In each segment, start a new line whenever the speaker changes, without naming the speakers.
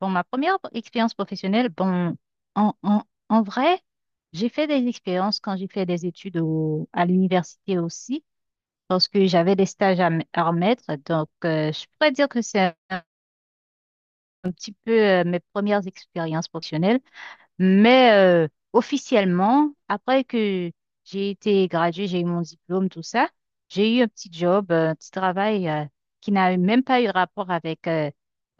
Bon, ma première expérience professionnelle, bon, en, en, en vrai, j'ai fait des expériences quand j'ai fait des études à l'université aussi, parce que j'avais des stages à, à remettre. Donc, je pourrais dire que c'est un, un petit peu mes premières expériences professionnelles. Mais euh, officiellement, après que j'ai été graduée, j'ai eu mon diplôme, tout ça, j'ai eu un petit job, un petit travail qui n'a même pas eu rapport avec euh,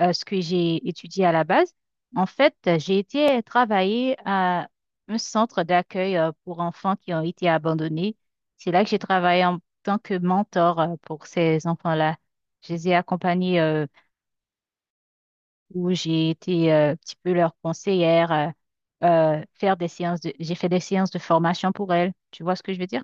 euh, ce que j'ai étudié à la base. En fait, j'ai été travailler à un centre d'accueil pour enfants qui ont été abandonnés. C'est là que j'ai travaillé en tant que mentor pour ces enfants-là. Je les ai accompagnés où j'ai été un petit peu leur conseillère, faire des séances j'ai fait des séances de formation pour elles. Tu vois ce que je veux dire?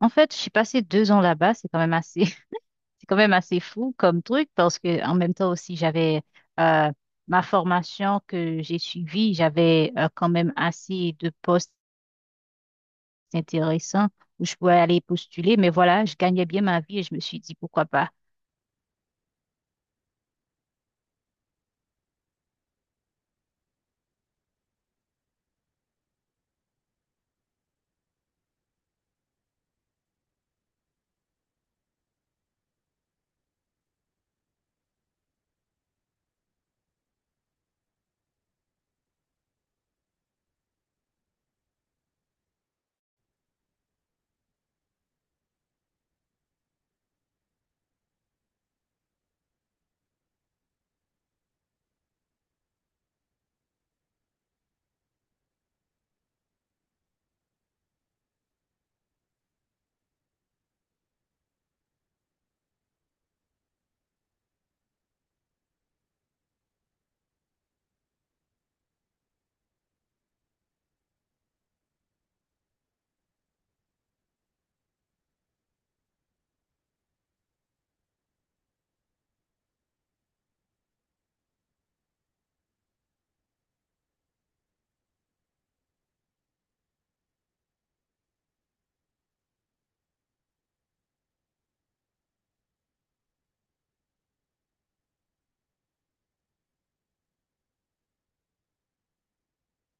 En fait, j'ai passé deux ans là-bas, c'est quand même assez, c'est quand même assez fou comme truc parce que en même temps aussi j'avais euh, ma formation que j'ai suivie, j'avais quand même assez de postes intéressants où je pouvais aller postuler, mais voilà, je gagnais bien ma vie et je me suis dit pourquoi pas.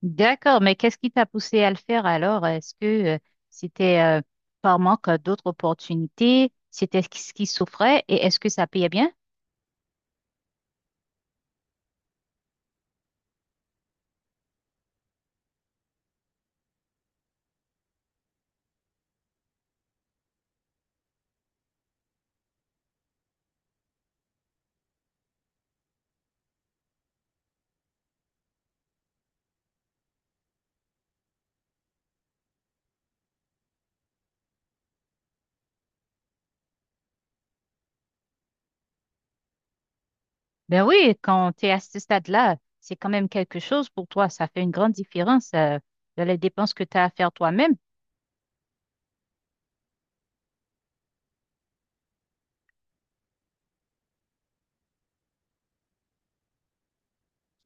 D'accord, mais qu'est-ce qui t'a poussé à le faire alors? Est-ce que euh, c'était par manque d'autres opportunités? C'était ce qui souffrait et est-ce que ça payait bien? Ben oui, quand tu es à ce stade-là, c'est quand même quelque chose pour toi. Ça fait une grande différence dans les dépenses que tu as à faire toi-même.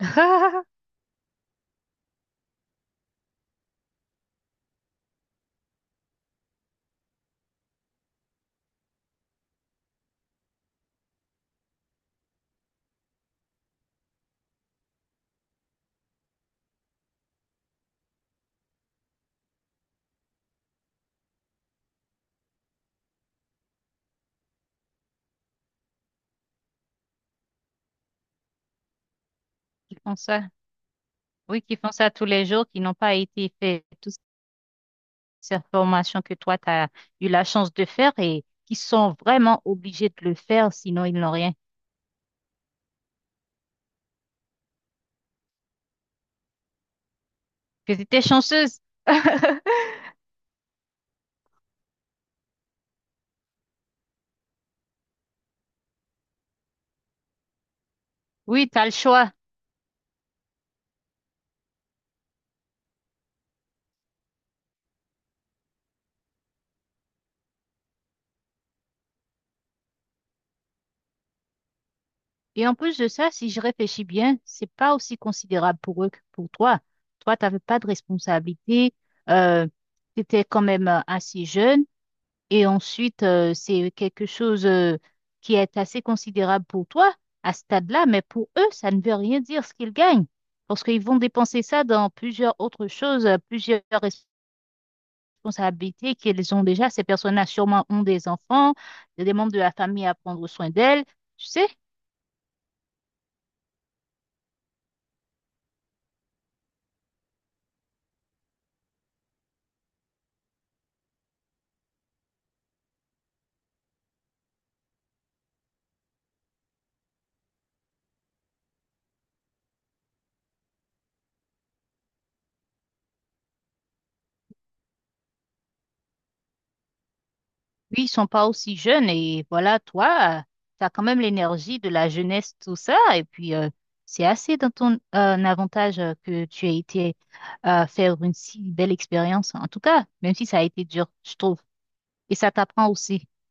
Qui font ça? Oui, qui font ça tous les jours, qui n'ont pas été fait toutes ces formations que toi, tu as eu la chance de faire et qui sont vraiment obligés de le faire, sinon ils n'ont rien. Que tu étais chanceuse. Oui, tu as le choix. Et en plus de ça, si je réfléchis bien, c'est pas aussi considérable pour eux que pour toi. Toi, tu n'avais pas de responsabilité, euh, tu étais quand même assez jeune. Et ensuite, c'est quelque chose qui est assez considérable pour toi à ce stade-là, mais pour eux, ça ne veut rien dire ce qu'ils gagnent. Parce qu'ils vont dépenser ça dans plusieurs autres choses, plusieurs responsabilités qu'ils ont déjà. Ces personnes-là sûrement ont des enfants, des membres de la famille à prendre soin d'elles. Tu sais? Oui, ils sont pas aussi jeunes et voilà, toi, tu as quand même l'énergie de la jeunesse, tout ça. Et puis, c'est assez dans ton avantage que tu aies été faire une si belle expérience. En tout cas, même si ça a été dur, je trouve. Et ça t'apprend aussi.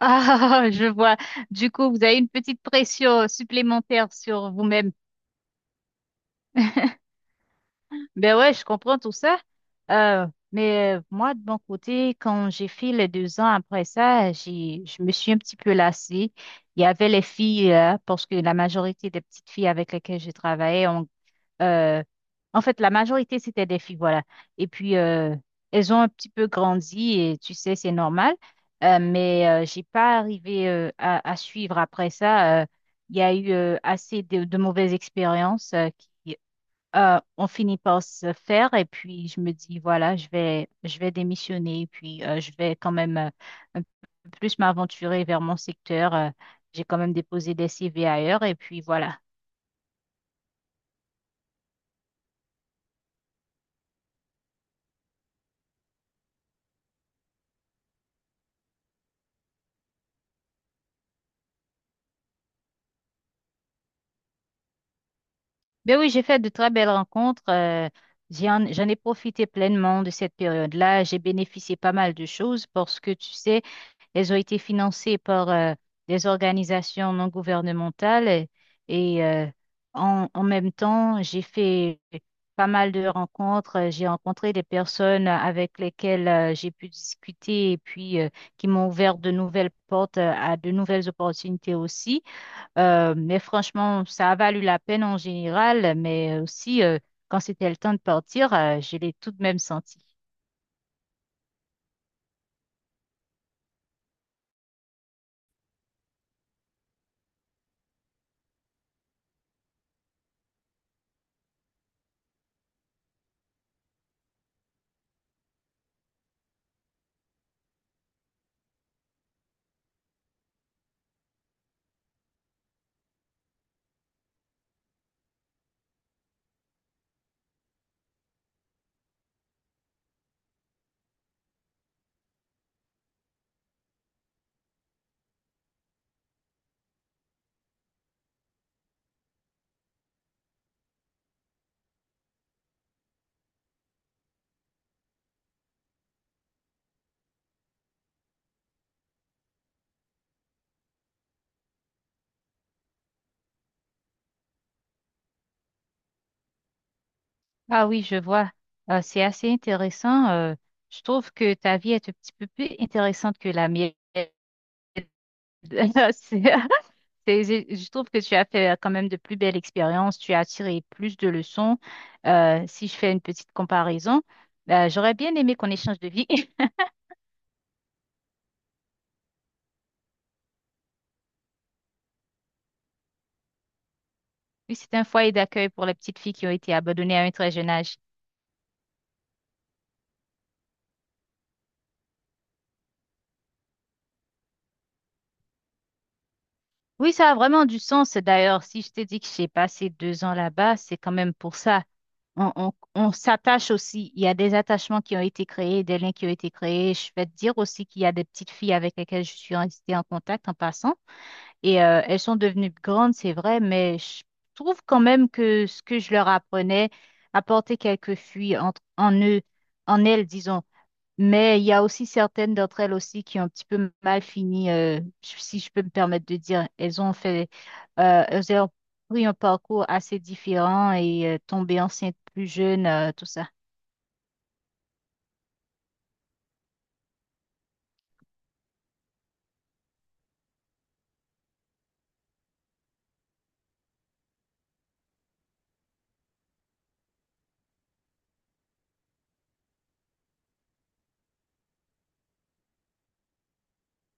Ah, je vois. Du coup, vous avez une petite pression supplémentaire sur vous-même. Ben ouais, je comprends tout ça. Euh, mais moi, de mon côté, quand j'ai fait les deux ans après ça, je me suis un petit peu lassée. Il y avait les filles, parce que la majorité des petites filles avec lesquelles je travaillais, euh, en fait, la majorité, c'était des filles, voilà. Et puis, elles ont un petit peu grandi et tu sais, c'est normal. Mais j'ai pas arrivé à suivre après ça. Il y a eu assez de mauvaises expériences qui on finit par se faire et puis je me dis, voilà, je vais démissionner et puis je vais quand même un peu plus m'aventurer vers mon secteur. J'ai quand même déposé des CV ailleurs et puis voilà. Ben oui, j'ai fait de très belles rencontres. J'en ai profité pleinement de cette période-là. J'ai bénéficié pas mal de choses parce que tu sais, elles ont été financées par des organisations non gouvernementales et, en même temps, j'ai fait pas mal de rencontres. J'ai rencontré des personnes avec lesquelles j'ai pu discuter et puis qui m'ont ouvert de nouvelles portes à de nouvelles opportunités aussi. Mais franchement, ça a valu la peine en général, mais aussi quand c'était le temps de partir, je l'ai tout de même senti. Ah oui, je vois. C'est assez intéressant. Je trouve que ta vie est un petit peu plus intéressante que la mienne. Je je trouve que tu as fait quand même de plus belles expériences. Tu as tiré plus de leçons. Si je fais une petite comparaison, j'aurais bien aimé qu'on échange de vie. Oui, c'est un foyer d'accueil pour les petites filles qui ont été abandonnées à un très jeune âge. Oui, ça a vraiment du sens. D'ailleurs, si je t'ai dit que j'ai passé deux ans là-bas, c'est quand même pour ça. On s'attache aussi. Il y a des attachements qui ont été créés, des liens qui ont été créés. Je vais te dire aussi qu'il y a des petites filles avec lesquelles je suis restée en contact en passant. Et elles sont devenues grandes, c'est vrai, mais je trouve quand même que ce que je leur apprenais, apporter quelques fuites entre, en eux, en elles, disons. Mais il y a aussi certaines d'entre elles aussi qui ont un petit peu mal fini, si je peux me permettre de dire. Elles ont pris un parcours assez différent et tombé enceinte plus jeune, tout ça.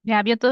Bien, à bientôt.